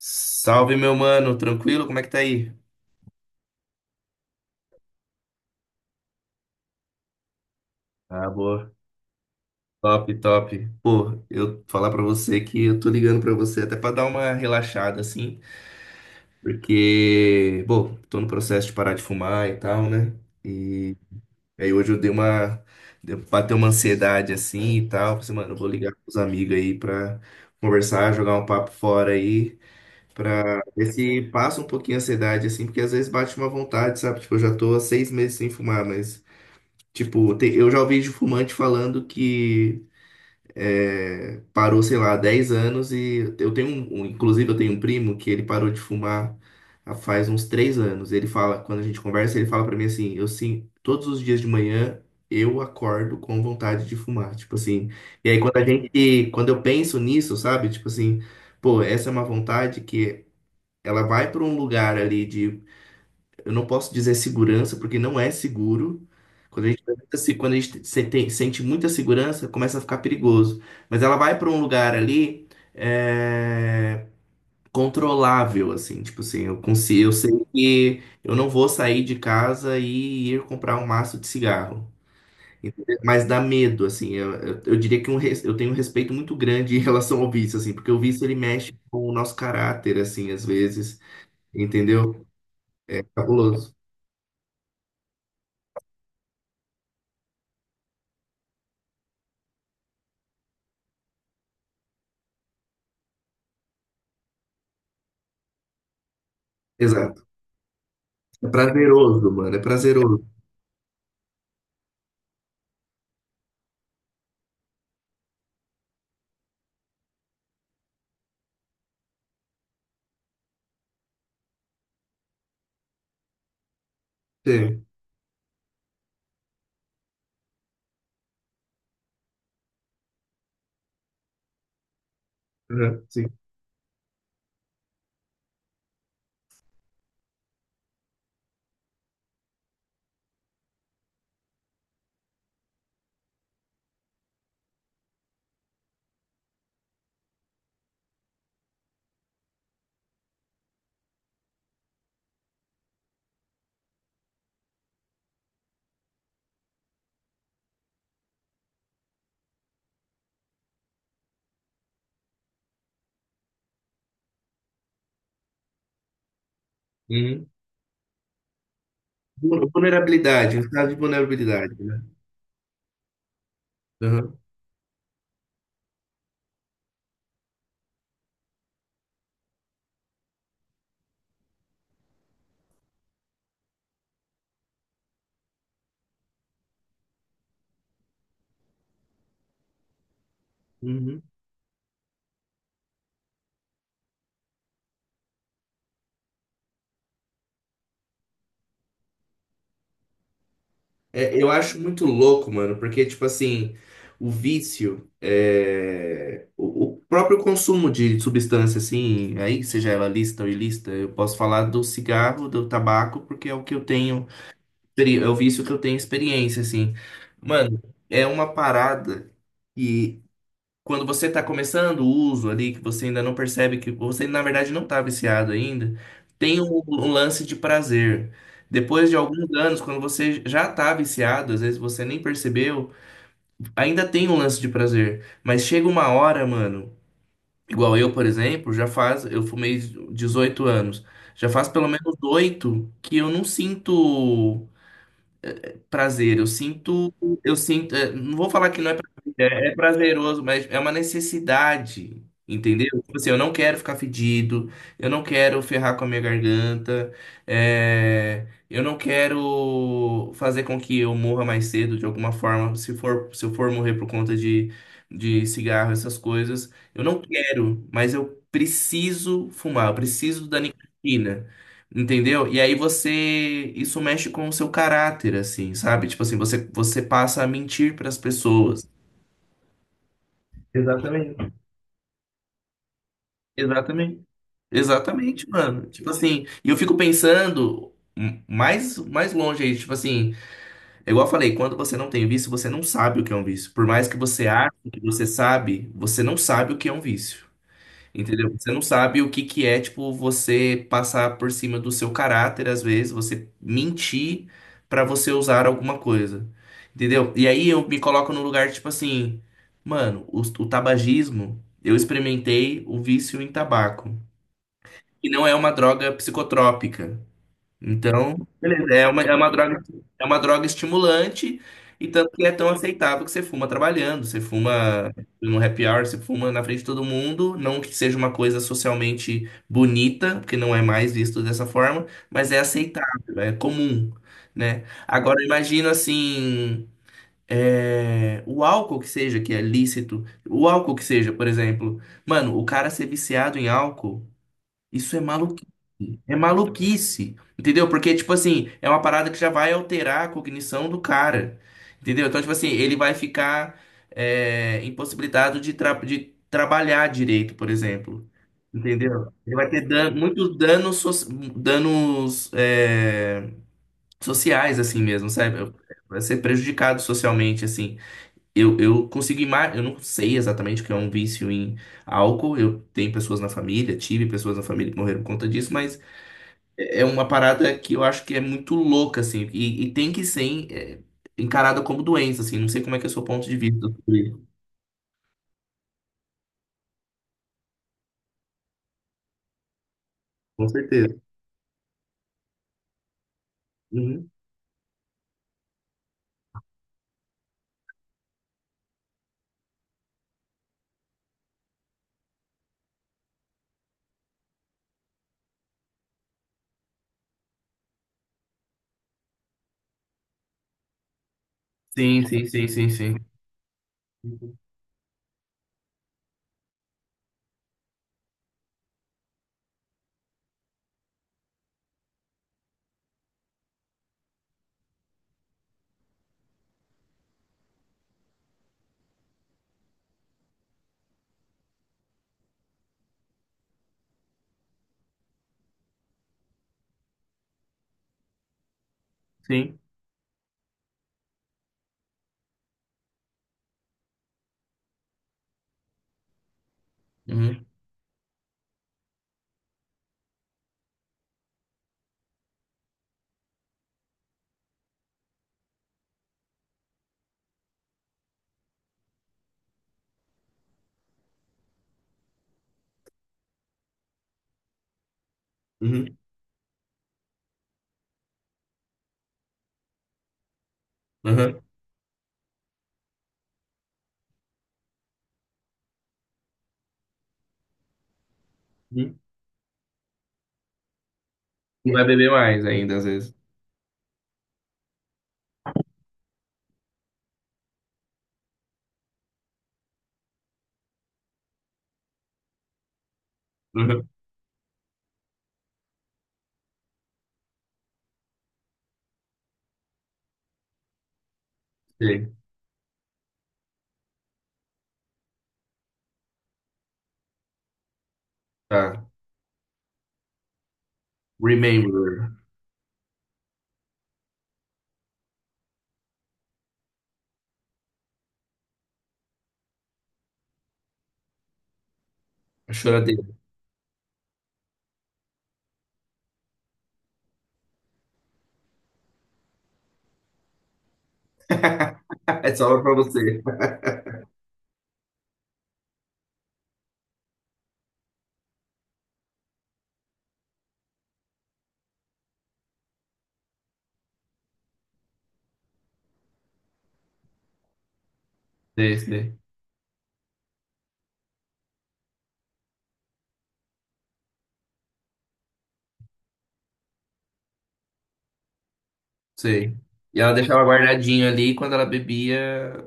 Salve, meu mano, tranquilo? Como é que tá aí? Ah, boa. Top, top. Pô, eu falar pra você que eu tô ligando pra você até pra dar uma relaxada assim, porque, bom, tô no processo de parar de fumar e tal, né? E aí hoje eu dei uma bateu uma ansiedade assim e tal, falei, assim, mano, eu vou ligar pros amigos aí pra conversar, jogar um papo fora aí. Pra ver se passa um pouquinho a ansiedade, assim, porque às vezes bate uma vontade, sabe? Tipo, eu já tô há seis meses sem fumar, mas tipo, eu já ouvi de fumante falando que é, parou, sei lá, há 10 anos e eu tenho inclusive eu tenho um primo que ele parou de fumar há faz uns 3 anos. Ele fala, quando a gente conversa, ele fala pra mim assim, eu sim, todos os dias de manhã eu acordo com vontade de fumar, tipo assim. E aí quando eu penso nisso, sabe? Tipo assim, pô, essa é uma vontade que ela vai pra um lugar ali, eu não posso dizer segurança, porque não é seguro. Quando a gente, tem muita se- quando a gente se- tem- sente muita segurança, começa a ficar perigoso. Mas ela vai para um lugar ali, é, controlável, assim, tipo assim, eu consigo, eu sei que eu não vou sair de casa e ir comprar um maço de cigarro. Entendeu? Mas dá medo, assim, eu diria que eu tenho um respeito muito grande em relação ao vício, assim, porque o vício ele mexe com o nosso caráter, assim, às vezes, entendeu? É cabuloso. Exato. É prazeroso, mano. É prazeroso. Sim. Uhum, sim. Uhum. Vulnerabilidade, um estado de vulnerabilidade, né? Uhum. Uhum. É, eu acho muito louco, mano, porque, tipo assim, o vício, é, o próprio consumo de substância, assim, aí, seja ela lista ou ilícita, eu posso falar do cigarro, do tabaco, porque é o que eu tenho, é o vício que eu tenho experiência, assim. Mano, é uma parada. E quando você está começando o uso ali, que você ainda não percebe que você, na verdade, não está viciado ainda, tem um lance de prazer. Depois de alguns anos, quando você já está viciado, às vezes você nem percebeu, ainda tem um lance de prazer. Mas chega uma hora, mano, igual eu, por exemplo, já faz, eu fumei 18 anos, já faz pelo menos 8 que eu não sinto prazer. Eu sinto, é, não vou falar que não é prazer, é prazeroso, mas é uma necessidade, entendeu? Tipo assim, eu não quero ficar fedido, eu não quero ferrar com a minha garganta, é, eu não quero fazer com que eu morra mais cedo de alguma forma, se for, se eu for morrer de cigarro, essas coisas. Eu não quero, mas eu preciso fumar, eu preciso da nicotina. Entendeu? E aí você, isso mexe com o seu caráter, assim, sabe? Tipo assim, você passa a mentir para as pessoas. Exatamente. Exatamente. Exatamente, mano. Tipo assim, e eu fico pensando mais longe aí, tipo assim, é igual eu falei, quando você não tem vício, você não sabe o que é um vício. Por mais que você ache que você sabe, você não sabe o que é um vício. Entendeu? Você não sabe o que que é, tipo, você passar por cima do seu caráter, às vezes, você mentir pra você usar alguma coisa. Entendeu? E aí eu me coloco no lugar, tipo assim, mano, o tabagismo, eu experimentei o vício em tabaco, que não é uma droga psicotrópica. Então, beleza, é uma droga estimulante e tanto que é tão aceitável que você fuma trabalhando, você fuma no happy hour, você fuma na frente de todo mundo, não que seja uma coisa socialmente bonita, porque não é mais visto dessa forma, mas é aceitável, é comum, né? Agora imagina assim, é, o álcool que seja, que é lícito, o álcool que seja, por exemplo, mano, o cara ser viciado em álcool, isso é maluquice. É maluquice. Entendeu? Porque, tipo assim, é uma parada que já vai alterar a cognição do cara. Entendeu? Então, tipo assim, ele vai ficar é, impossibilitado de, de trabalhar direito, por exemplo. Entendeu? Ele vai ter dan muitos danos, danos é, sociais, assim mesmo, sabe? Vai ser prejudicado socialmente, assim. Eu consigo imaginar, eu não sei exatamente o que é um vício em álcool. Eu tenho pessoas na família, tive pessoas na família que morreram por conta disso, mas é uma parada que eu acho que é muito louca, assim, e tem que ser é, encarada como doença, assim. Não sei como é que é o seu ponto de vista sobre isso. Com certeza. Uhum. Sim, sim, sim, sim, sim. Sim. Uhum. Uhum. Uhum. Uhum. E vai beber mais ainda, às vezes. Uhum. Sim. Tá. Remember. A choradeira. É só pra você. Sei, sei. Sei. E ela deixava guardadinho ali e quando ela bebia,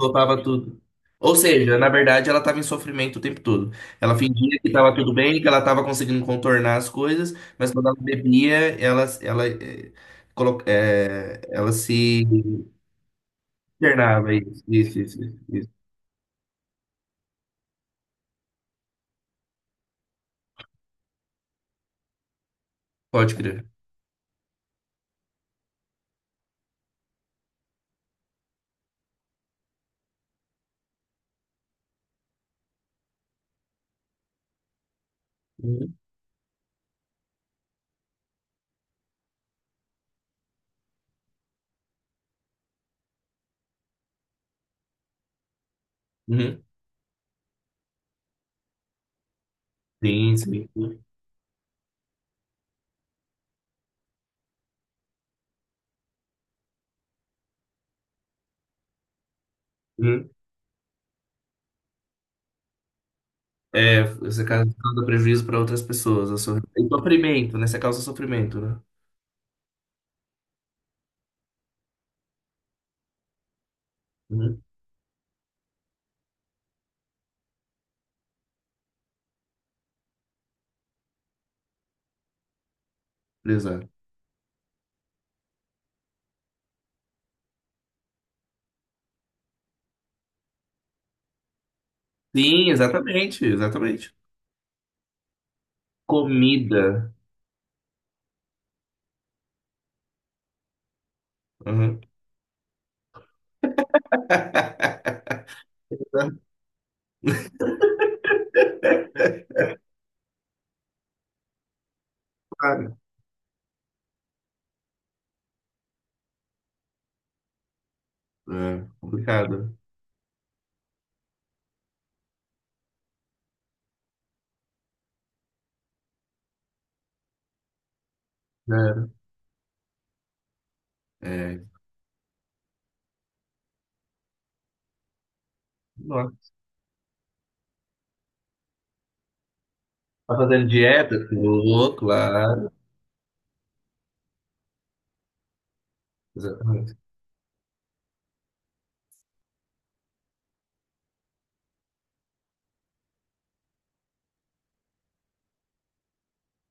soltava tudo. Ou seja, na verdade, ela estava em sofrimento o tempo todo. Ela fingia que estava tudo bem, que ela estava conseguindo contornar as coisas, mas quando ela bebia, ela, eh, colo- eh, ela se internava. Isso, isso, isso, isso. Pode crer. Uhum. Uhum. Sim, sim. Uhum. É, você causa prejuízo para outras pessoas. E sofrimento, né? Você causa sofrimento, né? Uhum. Exato. Sim, exatamente, exatamente. Comida. Uhum. Claro. É, complicado. É, é. Nossa. Tá fazendo dieta? Tô, claro. Exatamente.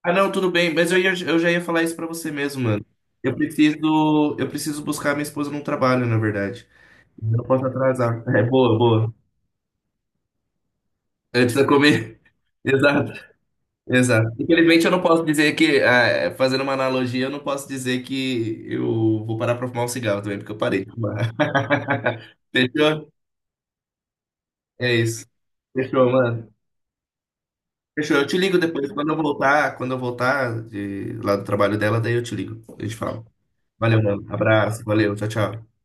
Ah, não, tudo bem, mas eu já ia falar isso pra você mesmo, mano. Eu preciso, eu preciso buscar minha esposa no trabalho, na verdade. Eu não posso atrasar. É, boa, boa. Antes da comer. Exato. Exato. Infelizmente, eu não posso dizer que, ah, fazendo uma analogia, eu não posso dizer que eu vou parar pra fumar um cigarro também, porque eu parei de fumar. Fechou? É isso. Fechou, mano. Fechou. Eu te ligo depois. Quando eu voltar de lá do trabalho dela, daí eu te ligo. A gente fala. Valeu, mano. Abraço. Valeu. Tchau, tchau.